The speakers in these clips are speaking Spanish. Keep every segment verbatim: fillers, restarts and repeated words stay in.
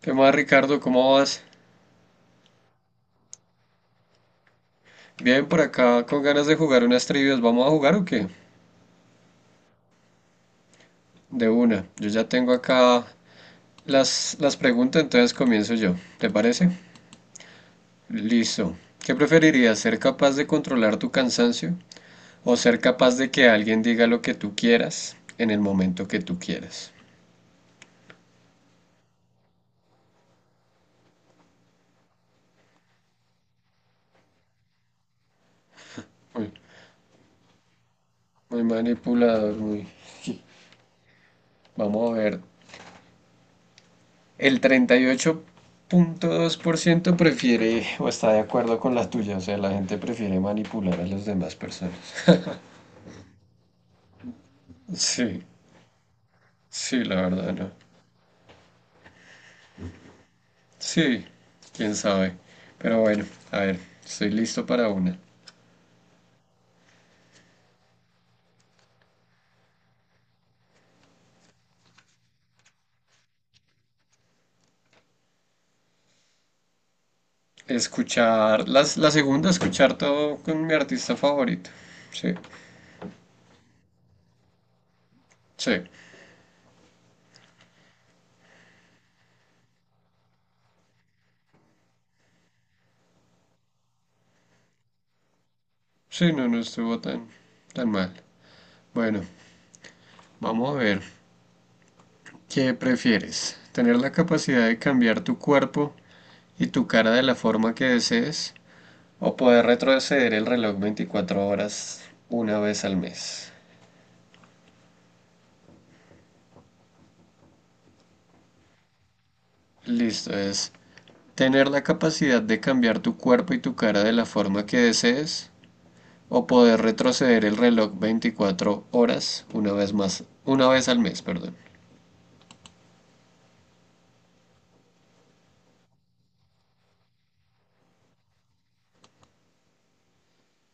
¿Qué más, Ricardo? ¿Cómo vas? Bien, por acá con ganas de jugar unas trivias. ¿Vamos a jugar o qué? De una. Yo ya tengo acá las, las preguntas, entonces comienzo yo. ¿Te parece? Listo. ¿Qué preferirías? ¿Ser capaz de controlar tu cansancio o ser capaz de que alguien diga lo que tú quieras en el momento que tú quieras? Muy, muy manipulador, muy... Vamos a ver. El treinta y ocho punto dos por ciento prefiere o está de acuerdo con la tuya, o sea, la gente prefiere manipular a las demás personas. Sí, sí, la verdad no. Sí, quién sabe. Pero bueno, a ver, estoy listo para una. Escuchar, las, la segunda, escuchar todo con mi artista favorito. Sí, sí, sí, no, no estuvo tan, tan mal. Bueno, vamos a ver, ¿qué prefieres? ¿Tener la capacidad de cambiar tu cuerpo y tu cara de la forma que desees o poder retroceder el reloj veinticuatro horas una vez al mes? Listo, es tener la capacidad de cambiar tu cuerpo y tu cara de la forma que desees o poder retroceder el reloj veinticuatro horas una vez más, una vez al mes, perdón.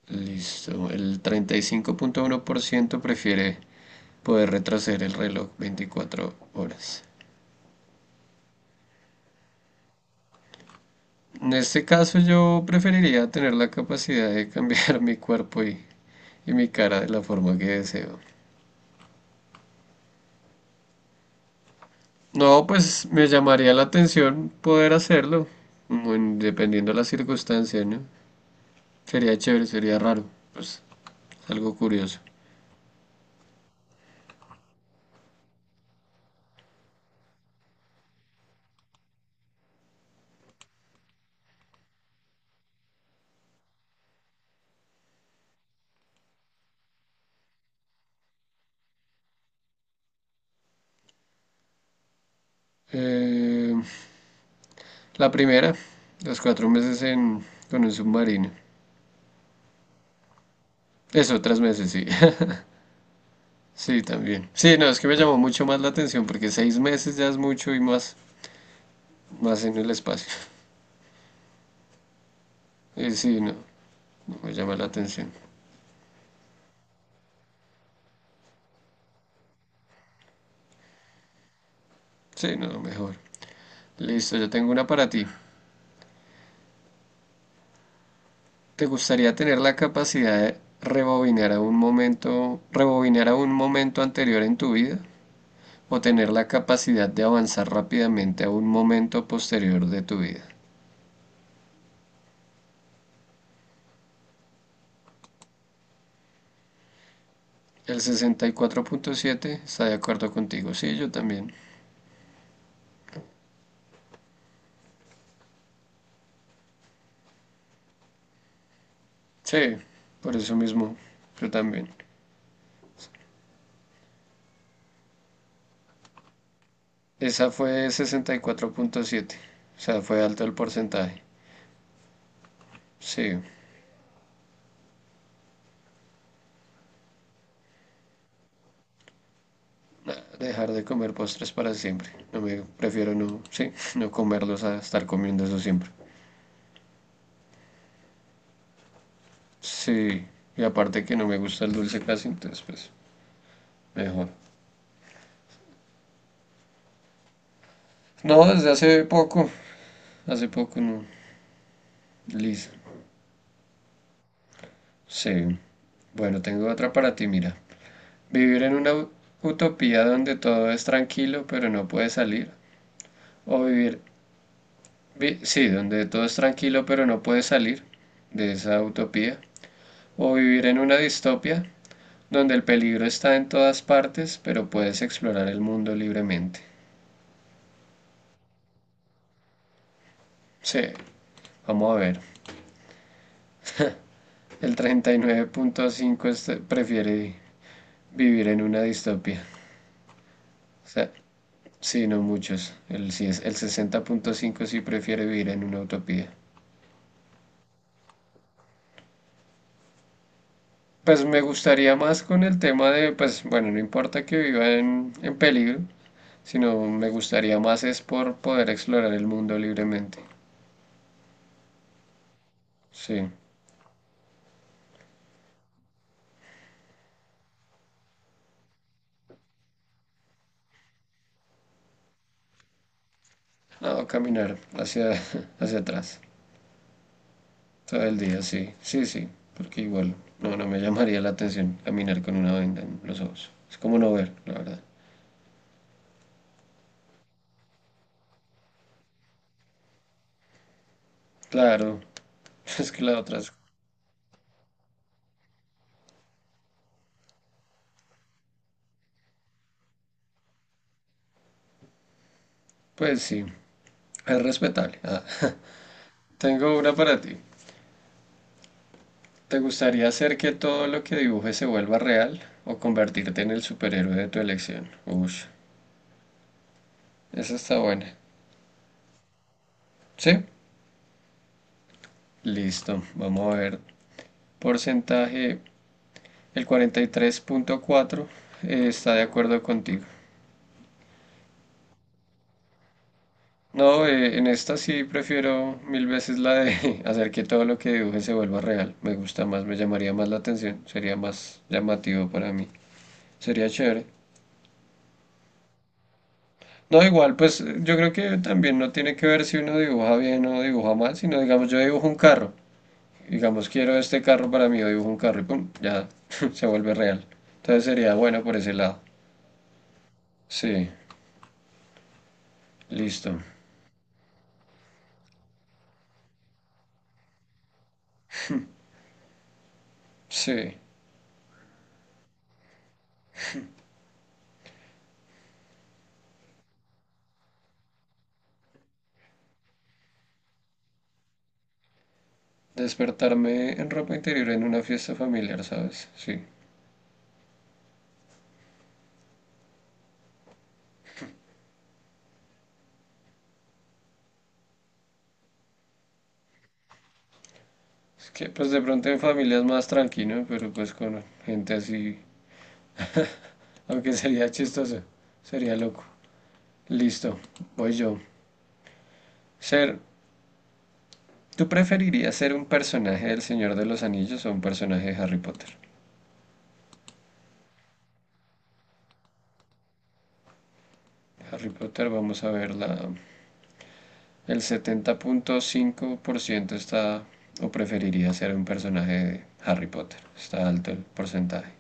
Listo, el treinta y cinco punto uno por ciento prefiere poder retroceder el reloj veinticuatro horas. En este caso yo preferiría tener la capacidad de cambiar mi cuerpo y, y mi cara de la forma que deseo. No, pues me llamaría la atención poder hacerlo, mm, en- dependiendo de las circunstancias, ¿no? Sería chévere, sería raro, pues es algo curioso. Eh, la primera, los cuatro meses en, con un submarino. Eso, tres meses, sí. Sí, también. Sí, no, es que me llamó mucho más la atención porque seis meses ya es mucho y más, más en el espacio. Y sí, no, no me llama la atención. Sí, no, mejor. Listo, yo tengo una para ti. ¿Te gustaría tener la capacidad de rebobinar a un momento, rebobinar a un momento anterior en tu vida o tener la capacidad de avanzar rápidamente a un momento posterior de tu vida? El sesenta y cuatro punto siete está de acuerdo contigo. Sí, yo también. Sí, por eso mismo, yo también. Esa fue sesenta y cuatro punto siete. O sea, fue alto el porcentaje. Sí. Nah, dejar de comer postres para siempre. No me prefiero no, sí, no comerlos a estar comiendo eso siempre. Sí, y aparte que no me gusta el dulce casi, entonces pues mejor. No, desde hace poco, hace poco no. Liz. Sí. Bueno, tengo otra para ti, mira. Vivir en una utopía donde todo es tranquilo pero no puedes salir. O vivir, vi- sí, donde todo es tranquilo pero no puedes salir de esa utopía. O vivir en una distopia donde el peligro está en todas partes, pero puedes explorar el mundo libremente. Sí, vamos a ver. El treinta y nueve punto cinco este- prefiere vivir en una distopia. O sea, sí, no muchos. El, sí es- el sesenta punto cinco sí prefiere vivir en una utopía. Pues me gustaría más con el tema de, pues bueno, no importa que viva en, en peligro, sino me gustaría más es por poder explorar el mundo libremente. Sí. No, caminar hacia, hacia atrás todo el día, sí, sí, sí, porque igual no, no me llamaría la atención caminar con una venda en los ojos. Es como no ver, la verdad. Claro, es que la otra es, pues sí, es respetable. Ah, tengo una para ti. ¿Te gustaría hacer que todo lo que dibujes se vuelva real o convertirte en el superhéroe de tu elección? Ush, esa está buena. ¿Sí? Listo, vamos a ver porcentaje. El cuarenta y tres punto cuatro eh, está de acuerdo contigo. No, eh, en esta sí prefiero mil veces la de hacer que todo lo que dibuje se vuelva real. Me gusta más, me llamaría más la atención, sería más llamativo para mí. Sería chévere. No, igual, pues yo creo que también no tiene que ver si uno dibuja bien o dibuja mal, sino digamos yo dibujo un carro. Digamos quiero este carro para mí, yo dibujo un carro y pum, ya se vuelve real. Entonces sería bueno por ese lado. Sí, listo. Sí. Despertarme en ropa interior en una fiesta familiar, ¿sabes? Sí. Es que pues de pronto en familia es más tranquilo, pero pues con gente así, aunque sería chistoso, sería loco. Listo, voy yo. Ser, ¿Tú preferirías ser un personaje del Señor de los Anillos o un personaje de Harry Potter? Harry Potter, vamos a ver, la, el setenta punto cinco por ciento está o preferiría ser un personaje de Harry Potter. Está alto el porcentaje.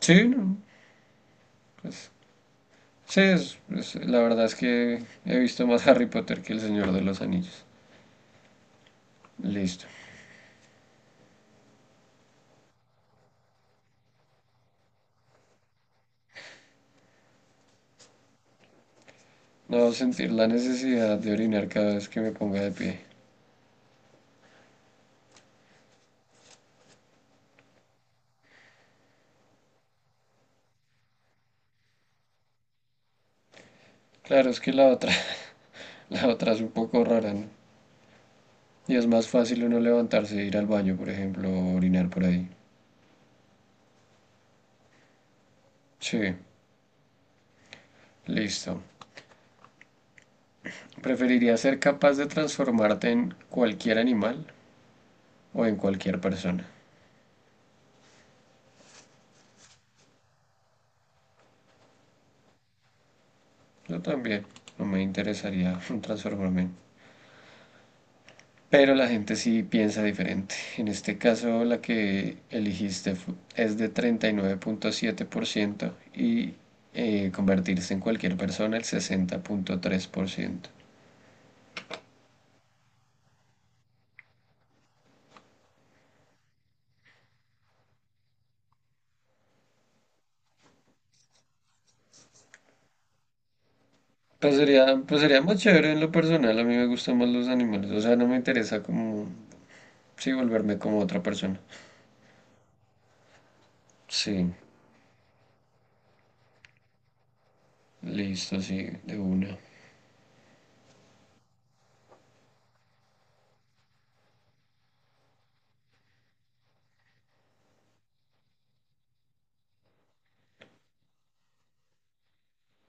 Sí, no, pues sí, es- es- la verdad es que he visto más Harry Potter que El Señor de los Anillos. Listo. No sentir la necesidad de orinar cada vez que me ponga de pie. Claro, es que la otra, la otra es un poco rara, ¿no? Y es más fácil uno levantarse e ir al baño, por ejemplo, o orinar por ahí. Sí, listo. ¿Preferiría ser capaz de transformarte en cualquier animal o en cualquier persona? Yo también. No me interesaría transformarme en. Pero la gente sí piensa diferente. En este caso, la que elegiste fu- es de treinta y nueve punto siete por ciento y eh, convertirse en cualquier persona el sesenta punto tres por ciento. Pues sería, pues sería más chévere en lo personal. A mí me gustan más los animales. O sea, no me interesa como, sí, volverme como otra persona. Sí, listo, sí, de una.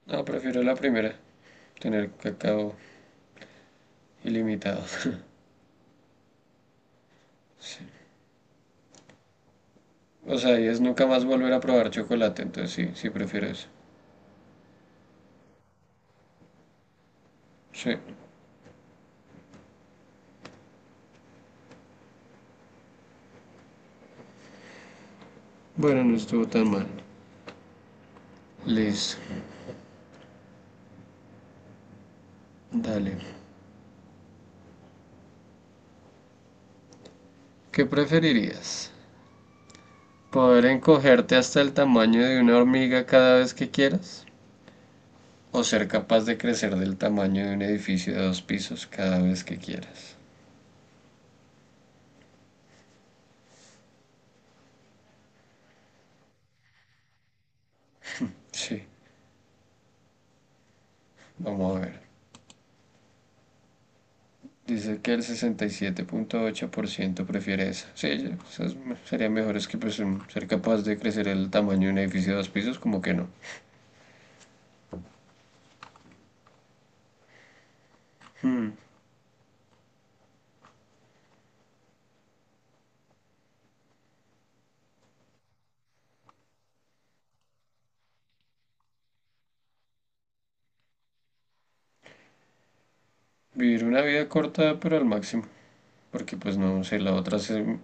No, prefiero la primera, tener cacao ilimitado. Sí. O sea, y es nunca más volver a probar chocolate, entonces sí, sí prefiero eso. Sí. Bueno, no estuvo tan mal. Listo. Dale. ¿Qué preferirías? ¿Poder encogerte hasta el tamaño de una hormiga cada vez que quieras? ¿O ser capaz de crecer del tamaño de un edificio de dos pisos cada vez que quieras? Sí, vamos a ver. Dice que el sesenta y siete punto ocho por ciento prefiere esa. Sí, ya, esas serían mejores que pues, ser capaz de crecer el tamaño de un edificio de dos pisos, como que no. Vivir una vida corta, pero al máximo. Porque pues no sé, la otra se-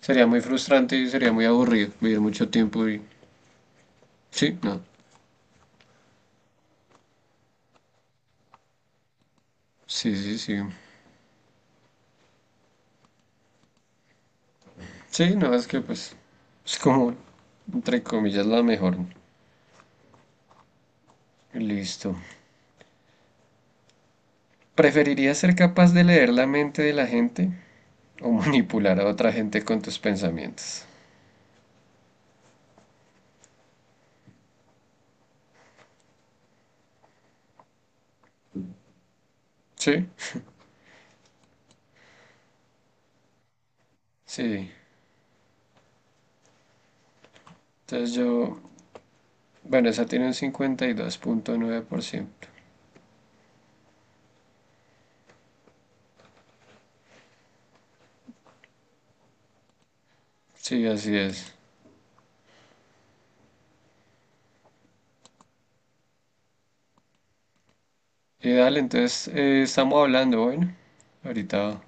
sería muy frustrante y sería muy aburrido vivir mucho tiempo y... Sí, no. Sí, sí, sí. Sí, no, es que pues es como, entre comillas, la mejor. Listo. ¿Preferirías ser capaz de leer la mente de la gente o manipular a otra gente con tus pensamientos? Sí, sí. Entonces yo, bueno, esa tiene un cincuenta y dos punto nueve por ciento. Sí, así es. Eh, dale, entonces eh, estamos hablando, bueno. Ahorita,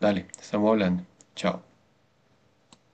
dale, estamos hablando. Chao.